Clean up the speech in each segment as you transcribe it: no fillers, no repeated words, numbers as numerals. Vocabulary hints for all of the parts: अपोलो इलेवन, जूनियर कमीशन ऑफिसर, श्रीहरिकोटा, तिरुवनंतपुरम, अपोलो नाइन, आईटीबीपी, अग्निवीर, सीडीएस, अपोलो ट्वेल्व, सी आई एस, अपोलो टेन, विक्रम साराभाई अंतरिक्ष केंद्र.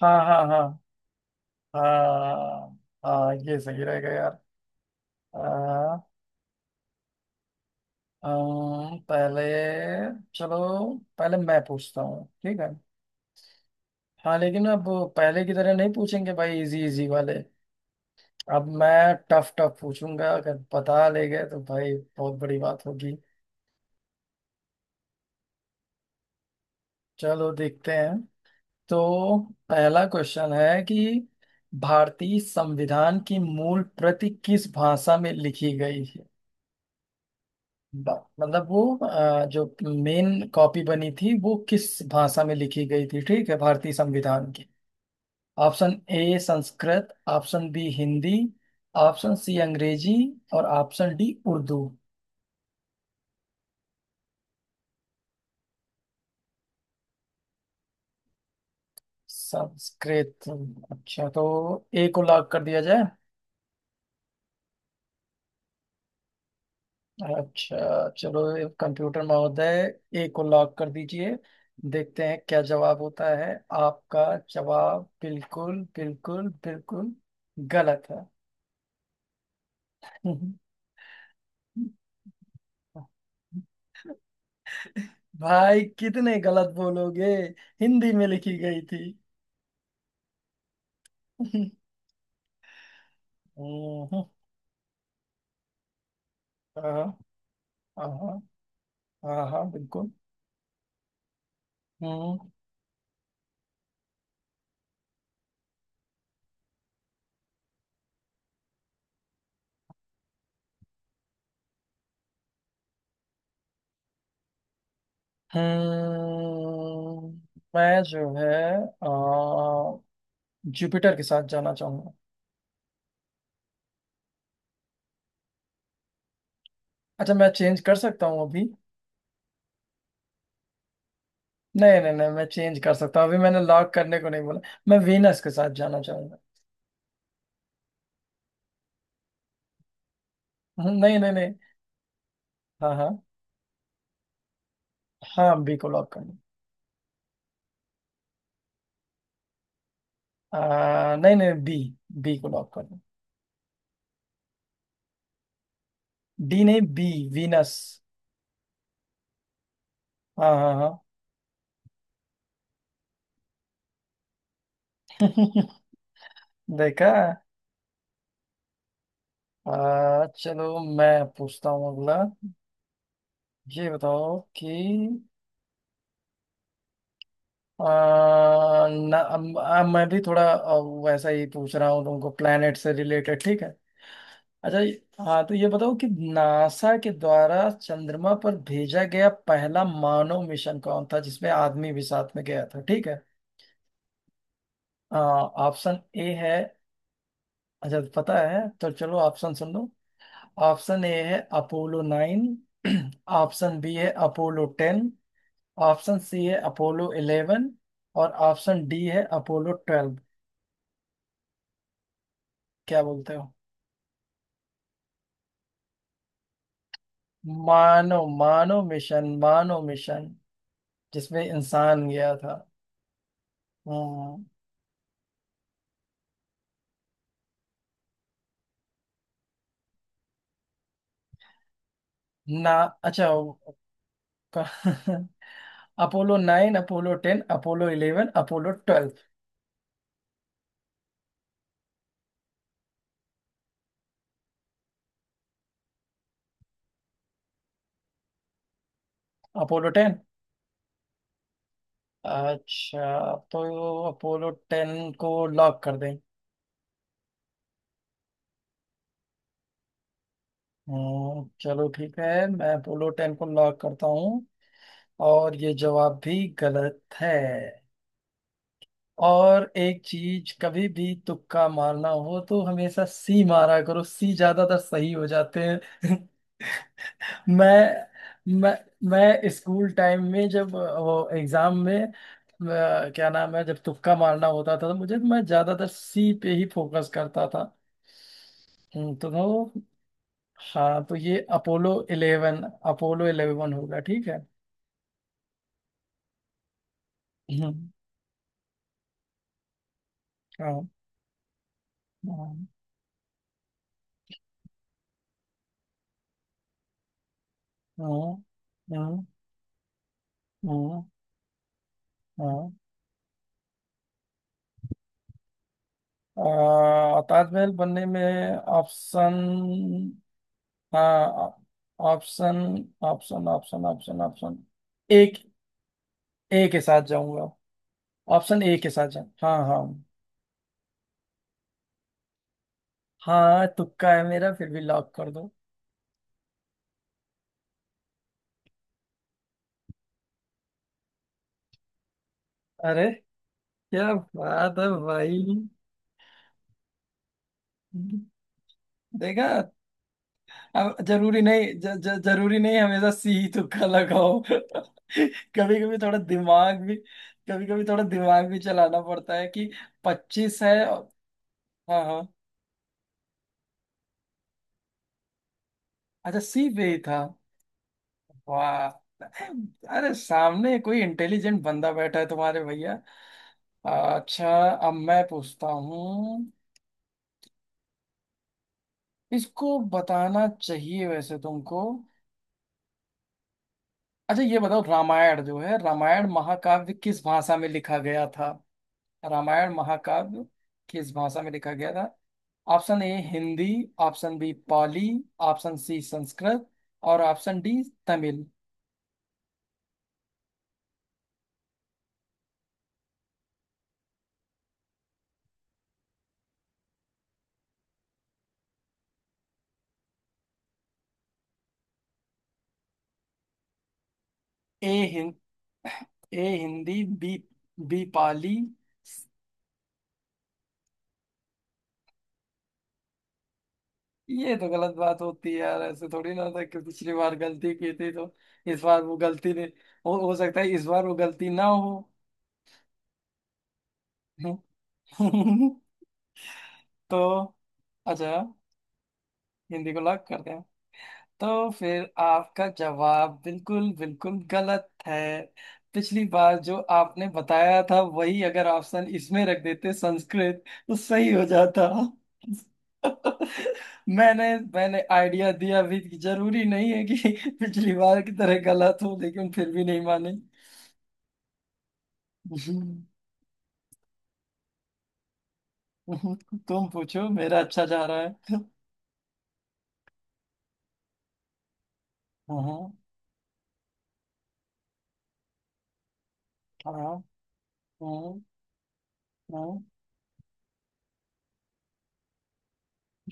हाँ हाँ हाँ। हाँ। हाँ, ये सही रहेगा यार। आ, पहले। चलो, पहले मैं पूछता हूँ, ठीक है। हाँ, लेकिन अब पहले की तरह नहीं पूछेंगे भाई, इजी इजी वाले। अब मैं टफ टफ पूछूंगा, अगर बता ले गए तो भाई बहुत बड़ी बात होगी। चलो, देखते हैं। तो पहला क्वेश्चन है कि भारतीय संविधान की मूल प्रति किस भाषा में लिखी गई? मतलब वो जो मेन कॉपी बनी थी वो किस भाषा में लिखी गई थी, ठीक है, भारतीय संविधान की। Option A Sanskrit, option B Hindi, option C Angrezi, और ऑप्शन डी उर्दू। संस्कृत। अच्छा, तो ए को लॉक कर दिया जाए। अच्छा, चलो, कंप्यूटर महोदय, ए को लॉक कर दीजिए। देखते हैं क्या जवाब होता है आपका। जवाब बिल्कुल बिल्कुल बिल्कुल गलत है। भाई, कितने गलत बोलोगे। हिंदी में लिखी गई थी। हम्म। हाँ हाँ हाँ। हाँ, बिल्कुल। हम्म। हम्म। मैं जो है, अ, जुपिटर के साथ जाना चाहूंगा। अच्छा, मैं चेंज कर सकता हूँ अभी। नहीं नहीं नहीं, मैं चेंज कर सकता हूँ अभी, मैंने लॉक करने को नहीं बोला। मैं वीनस के साथ जाना चाहूंगा। नहीं नहीं नहीं। हाँ हाँ हाँ, बी को लॉक कर दो। नहीं नहीं बी। बी को लॉक कर दो। डी नहीं, बी, वीनस। हाँ हाँ हाँ। देखा। चलो, मैं पूछता हूँ अगला। ये बताओ कि आ, ना, मैं भी थोड़ा वैसा ही पूछ रहा हूँ तुमको, प्लेनेट से रिलेटेड, ठीक है। अच्छा, हाँ, तो ये बताओ कि नासा के द्वारा चंद्रमा पर भेजा गया पहला मानव मिशन कौन था जिसमें आदमी भी साथ में गया था, ठीक है। ऑप्शन ए है। अच्छा, पता है तो चलो ऑप्शन सुन लो। ऑप्शन ए है अपोलो 9, ऑप्शन बी है अपोलो 10, ऑप्शन सी है अपोलो 11, और ऑप्शन डी है अपोलो 12। क्या बोलते हो? मानो मानो मिशन, मानो मिशन जिसमें इंसान गया था। हम्म, ना। अच्छा। अपोलो नाइन, Apollo 10, Apollo 11, Apollo 12। अपोलो टेन। अच्छा, तो अपोलो 10 को लॉक कर दें। चलो ठीक है, मैं पोलो टेन को लॉक करता हूँ। और ये जवाब भी गलत है। और एक चीज, कभी भी तुक्का मारना हो तो हमेशा सी मारा करो, सी ज्यादातर सही हो जाते हैं। मैं मैं मैं स्कूल टाइम में जब वो एग्जाम में क्या नाम है, जब तुक्का मारना होता था तो मुझे, मैं ज्यादातर सी पे ही फोकस करता था। हम्म। तो हाँ, तो ये अपोलो 11, अपोलो 11 होगा, ठीक है। हम्म। हाँ हाँ हाँ हाँ हाँ, हाँ। ताजमहल बनने में ऑप्शन। हाँ। Option option option option option एक, ए के साथ जाऊंगा। ऑप्शन ए के साथ जाऊँ, हाँ हाँ। हाँ, तुक्का है मेरा, फिर भी लॉक कर दो। अरे, क्या बात है भाई। देखा। अब जरूरी नहीं, ज, ज, जरूरी नहीं हमेशा सी ही तुक्का लगाओ। कभी कभी थोड़ा दिमाग भी। कभी कभी थोड़ा दिमाग भी चलाना पड़ता है कि 25 है हाँ हाँ। अच्छा, सी पे ही था। वाह। अरे, सामने कोई इंटेलिजेंट बंदा बैठा है तुम्हारे भैया। अच्छा, अब मैं पूछता हूँ। इसको बताना चाहिए वैसे तुमको। अच्छा, ये बताओ, रामायण जो है रामायण महाकाव्य किस भाषा में लिखा गया था? रामायण महाकाव्य किस भाषा में लिखा गया था? Option A Hindi, option B Pali, option C Sanskrit, और ऑप्शन डी तमिल। ए हिं, A Hindi, B B Pali. ये तो गलत बात होती है यार, ऐसे थोड़ी ना होता है कि पिछली बार गलती की थी तो इस बार वो गलती ने हो सकता है इस बार वो गलती ना हो। तो अच्छा, हिंदी को लॉक करते हैं। तो फिर आपका जवाब बिल्कुल बिल्कुल गलत है। पिछली बार जो आपने बताया था, वही अगर ऑप्शन इसमें रख देते, संस्कृत, तो सही हो जाता। मैंने मैंने आइडिया दिया भी कि जरूरी नहीं है कि पिछली बार की तरह गलत हो, लेकिन फिर भी नहीं माने। हम्म, तुम पूछो, मेरा अच्छा जा रहा है। हाँ हाँ हाँ हाँ।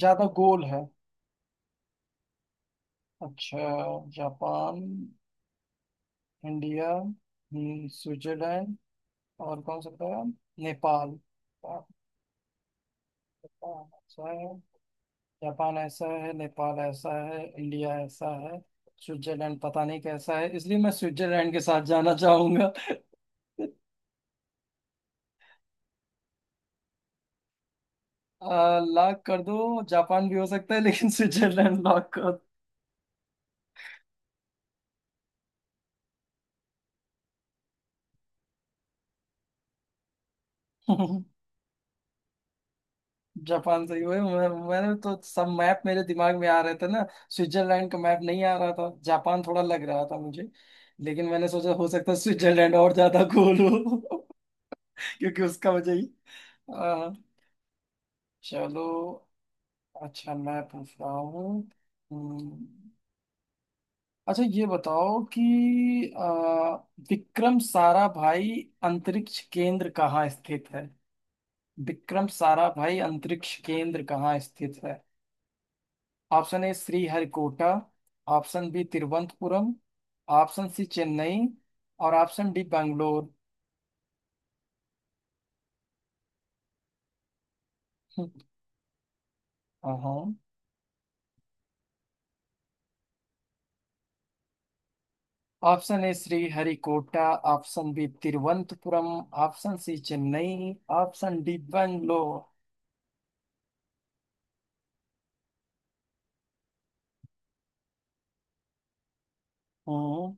ज्यादा गोल है? अच्छा, जापान, इंडिया, स्विट्जरलैंड, और कौन सा बताया? नेपाल। जापान ऐसा है जापान ऐसा है, नेपाल ऐसा है, इंडिया ऐसा है, स्विट्जरलैंड पता नहीं कैसा है, इसलिए मैं स्विट्जरलैंड के साथ जाना चाहूंगा। लॉक कर दो, जापान भी हो सकता है लेकिन स्विट्जरलैंड लॉक कर दो। जापान सही हुए, मैंने तो सब मैप मेरे दिमाग में आ रहे थे ना। स्विट्जरलैंड का मैप नहीं आ रहा था, जापान थोड़ा लग रहा था मुझे। लेकिन मैंने सोचा हो सकता है स्विट्जरलैंड और ज्यादा गोल हो। क्योंकि उसका वजह ही। चलो, अच्छा, मैं पूछ रहा हूँ। हम्म, अच्छा, ये बताओ कि आ, विक्रम साराभाई अंतरिक्ष केंद्र कहाँ स्थित है? विक्रम साराभाई अंतरिक्ष केंद्र कहाँ स्थित है? Option A श्रीहरिकोटा, option B तिरुवनंतपुरम, option C Chennai, और ऑप्शन डी बेंगलोर। हाँ। Option A श्रीहरिकोटा, option B तिरुवनंतपुरम, option C Chennai, option D Bangalore. हम्म,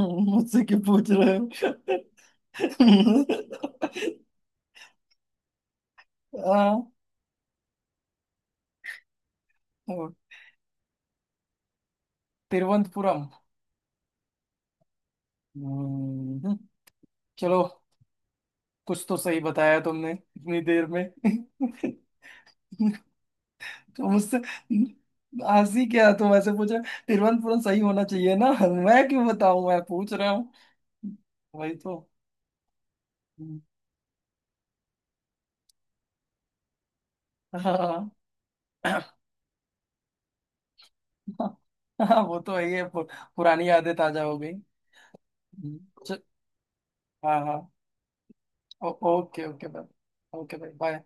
मुझसे क्यों पूछ रहे हो? हाँ, तिरुवनंतपुरम। हम्म, चलो, कुछ तो सही बताया तुमने इतनी देर में। तो मुझसे हंसी क्या, तुम ऐसे पूछ रहे हो? तिरुवनंतपुरम सही होना चाहिए ना, मैं क्यों बताऊं, मैं पूछ रहा हूँ। वही तो। हम्म। हाँ हाँ, वो तो है, पुरानी यादें ताजा हो गई। हम्म। च- हाँ हाँ। Okay, okay, bye. Okay, bye bye.